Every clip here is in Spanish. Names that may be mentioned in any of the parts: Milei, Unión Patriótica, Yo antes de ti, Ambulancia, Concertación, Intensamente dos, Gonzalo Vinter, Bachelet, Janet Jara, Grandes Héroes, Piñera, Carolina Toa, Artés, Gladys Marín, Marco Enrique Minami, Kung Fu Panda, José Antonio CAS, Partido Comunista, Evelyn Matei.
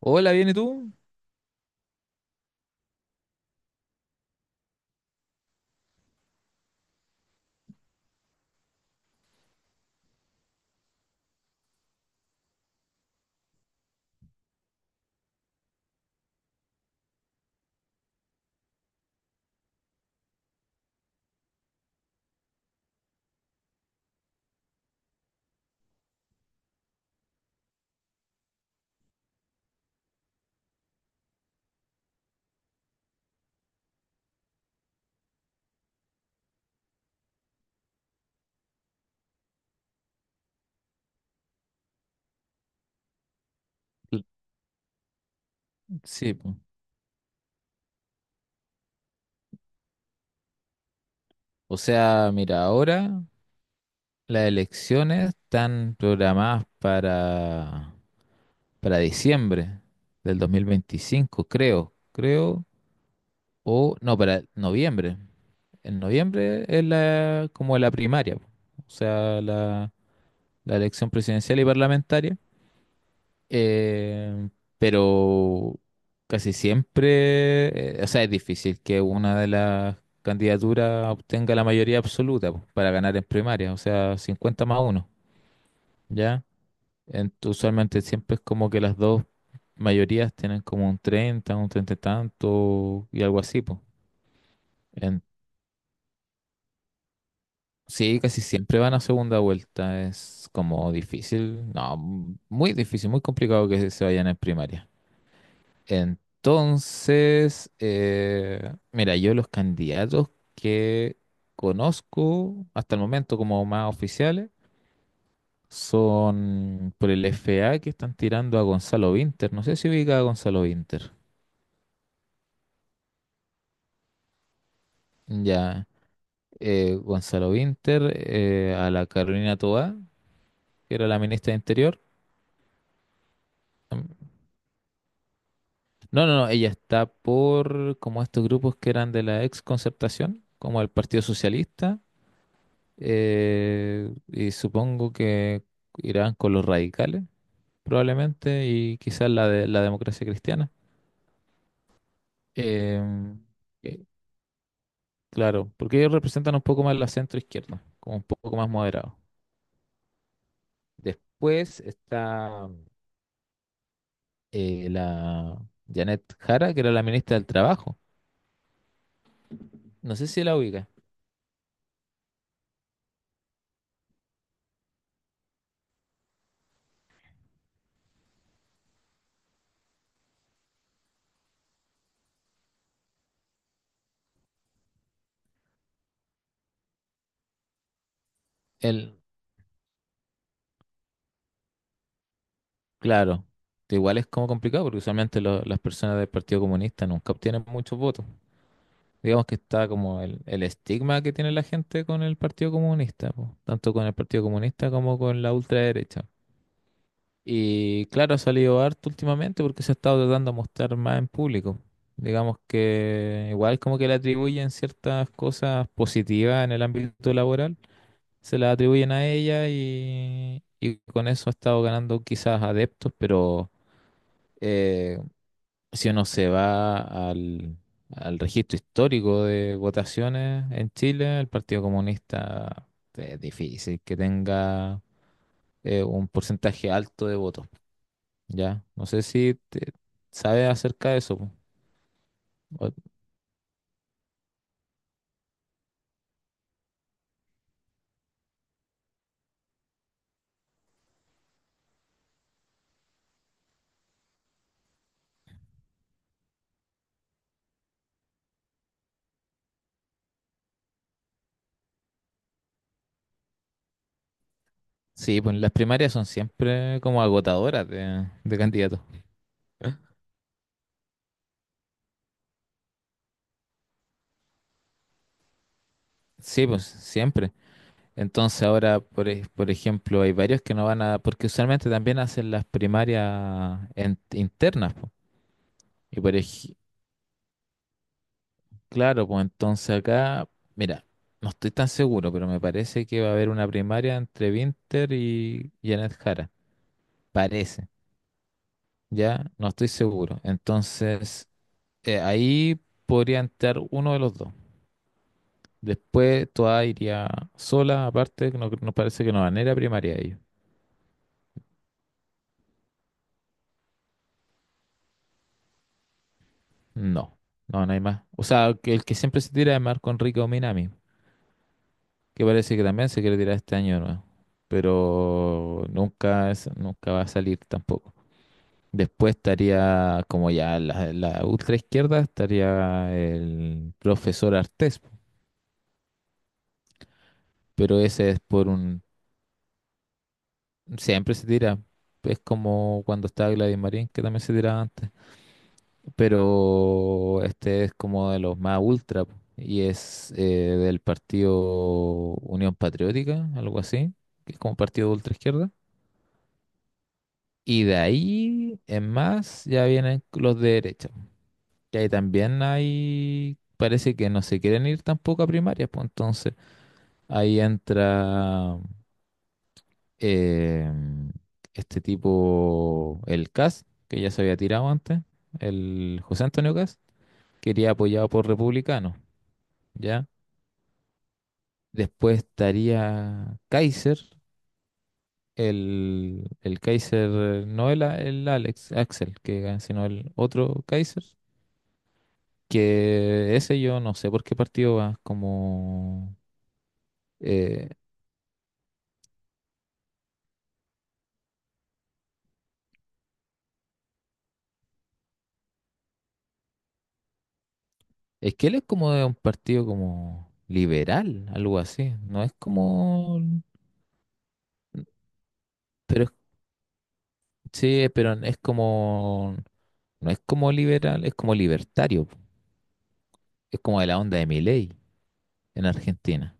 Hola, ¿viene tú? L- Sí, po. O sea, mira, ahora las elecciones están programadas para diciembre del 2025, creo, creo, o no, para noviembre. En noviembre es la, como la primaria, po. O sea, la elección presidencial y parlamentaria. Eh, pero casi siempre, o sea, es difícil que una de las candidaturas obtenga la mayoría absoluta po, para ganar en primaria, o sea, 50 más 1, ¿ya? Usualmente siempre es como que las dos mayorías tienen como un 30 y tanto y algo así, pues. Sí, casi siempre van a segunda vuelta, es como difícil, no, muy difícil, muy complicado que se vayan en primaria. Entonces, mira, yo los candidatos que conozco hasta el momento como más oficiales son por el FA, que están tirando a Gonzalo Vinter. No sé si ubica a Gonzalo Vinter. Ya, Gonzalo Vinter, a la Carolina Toa, que era la ministra de Interior. Mm, No, no, no, ella está por como estos grupos que eran de la ex Concertación, como el Partido Socialista. Y supongo que irán con los radicales, probablemente, y quizás la de la democracia cristiana. Em, eh, claro, porque ellos representan un poco más la centro izquierda, como un poco más moderado. Después está la Janet Jara, que era la ministra del Trabajo. No sé si la ubica. El, claro, igual es como complicado, porque usualmente las personas del Partido Comunista nunca obtienen muchos votos. Digamos que está como el estigma que tiene la gente con el Partido Comunista, po, tanto con el Partido Comunista como con la ultraderecha. Y claro, ha salido harto últimamente porque se ha estado tratando de mostrar más en público. Digamos que igual como que le atribuyen ciertas cosas positivas en el ámbito laboral, se las atribuyen a ella, y con eso ha estado ganando quizás adeptos, pero... eh, si uno se va al, al registro histórico de votaciones en Chile, el Partido Comunista es difícil que tenga un porcentaje alto de votos, ¿ya? No sé si sabes acerca de eso, po. O- sí, pues las primarias son siempre como agotadoras de candidatos. Sí, pues siempre. Entonces ahora, por ejemplo, hay varios que no van a, porque usualmente también hacen las primarias internas, po. Y por, ej- Claro, pues entonces acá, mira, no estoy tan seguro, pero me parece que va a haber una primaria entre Winter y Janet Jara. Parece, ya, no estoy seguro. Entonces, ahí podría entrar uno de los dos. Después toda iría sola, aparte, que no, no parece que no van a ir a primaria ellos. No, no, no hay más. O sea, que el que siempre se tira es Marco Enrique Minami, que parece que también se quiere tirar este año nuevo. Pero nunca, nunca va a salir tampoco. Después estaría como ya la ultra izquierda, estaría el profesor Artés, pero ese es por un... Siempre se tira, es como cuando estaba Gladys Marín, que también se tiraba antes, pero este es como de los más ultra po, y es del partido Unión Patriótica, algo así, que es como partido de ultra izquierda. Y de ahí en más ya vienen los de derecha. Que ahí también hay, parece que no se quieren ir tampoco a primaria, pues entonces ahí entra eh, este tipo, el CAS, que ya se había tirado antes, el José Antonio CAS, que iría apoyado por republicanos, ¿ya? Después estaría Kaiser, el Kaiser, no el Alex, Axel, que gana, sino el otro Kaiser, que ese yo no sé por qué partido va, como... eh, Es que él es como de un partido como liberal, algo así. No es como... Pero sí, pero es como... No es como liberal, es como libertario, po. Es como de la onda de Milei en Argentina.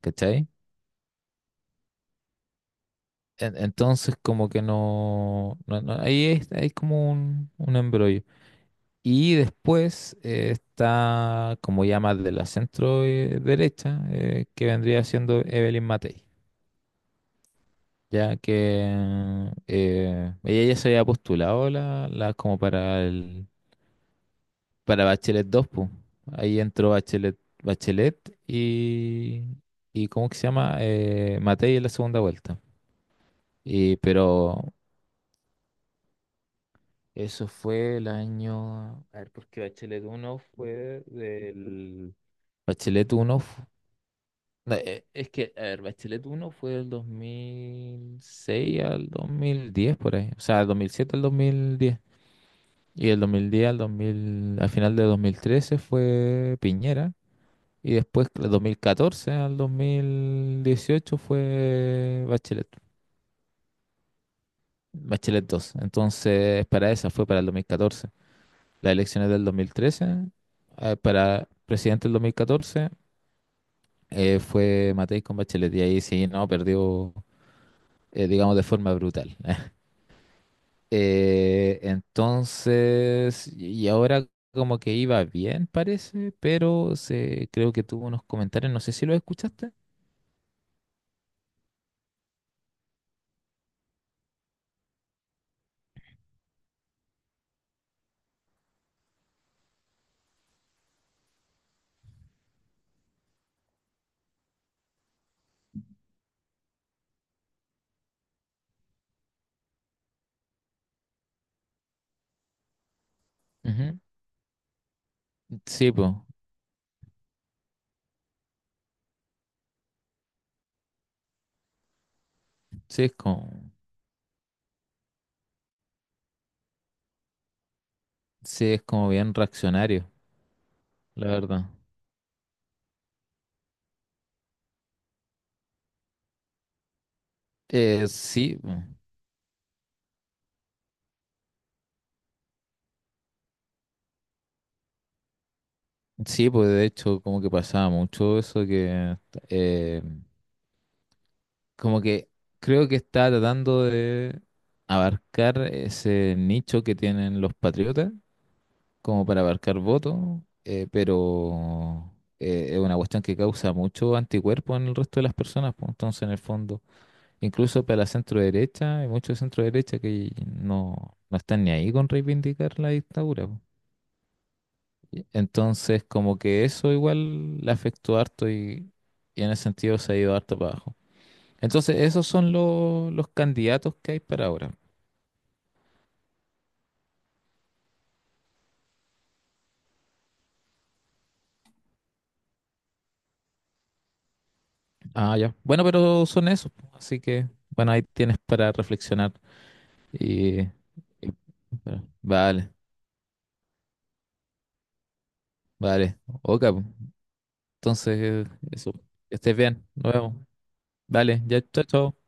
¿Cachai? Entonces como que no... ahí es, hay como un embrollo. Y después está como ya más de la centro derecha, que vendría siendo Evelyn Matei. Ya que ella ya se había postulado la como para el para Bachelet dos, pues. Ahí entró Bachelet, Bachelet y ¿cómo que se llama? Matei en la segunda vuelta. Y, pero eso fue el año. A ver, porque Bachelet 1 fue del. Bachelet 1 no, es que, a ver, Bachelet 1 fue del 2006 al 2010 por ahí. O sea, del 2007 al 2010. Y el 2010 al 2000, al final de 2013 fue Piñera. Y después, del 2014 al 2018 fue Bachelet, Bachelet dos. Entonces, para esa fue para el 2014. Las elecciones del 2013, para presidente del 2014, fue Matei con Bachelet. Y ahí sí, no, perdió, digamos, de forma brutal. Entonces, y ahora como que iba bien, parece, pero se, creo que tuvo unos comentarios, no sé si los escuchaste. Ujú. Sí, pues, sí es como, sí es como bien reaccionario, la verdad. Sí, po. Sí, pues de hecho como que pasaba mucho eso que eh, como que creo que está tratando de abarcar ese nicho que tienen los patriotas como para abarcar voto, pero es una cuestión que causa mucho anticuerpo en el resto de las personas, pues, entonces en el fondo, incluso para la centro derecha, hay muchos de centro derecha que no, no están ni ahí con reivindicar la dictadura, pues. Y entonces, como que eso igual le afectó harto y en ese sentido se ha ido harto para abajo. Entonces, esos son los candidatos que hay para ahora. Ah, ya. Bueno, pero son esos, pues, así que, bueno, ahí tienes para reflexionar. Y, y- vale, vale. Ok, pues, entonces, eso. Que estés bien. Nos vemos. Vale, ya, chao, chao.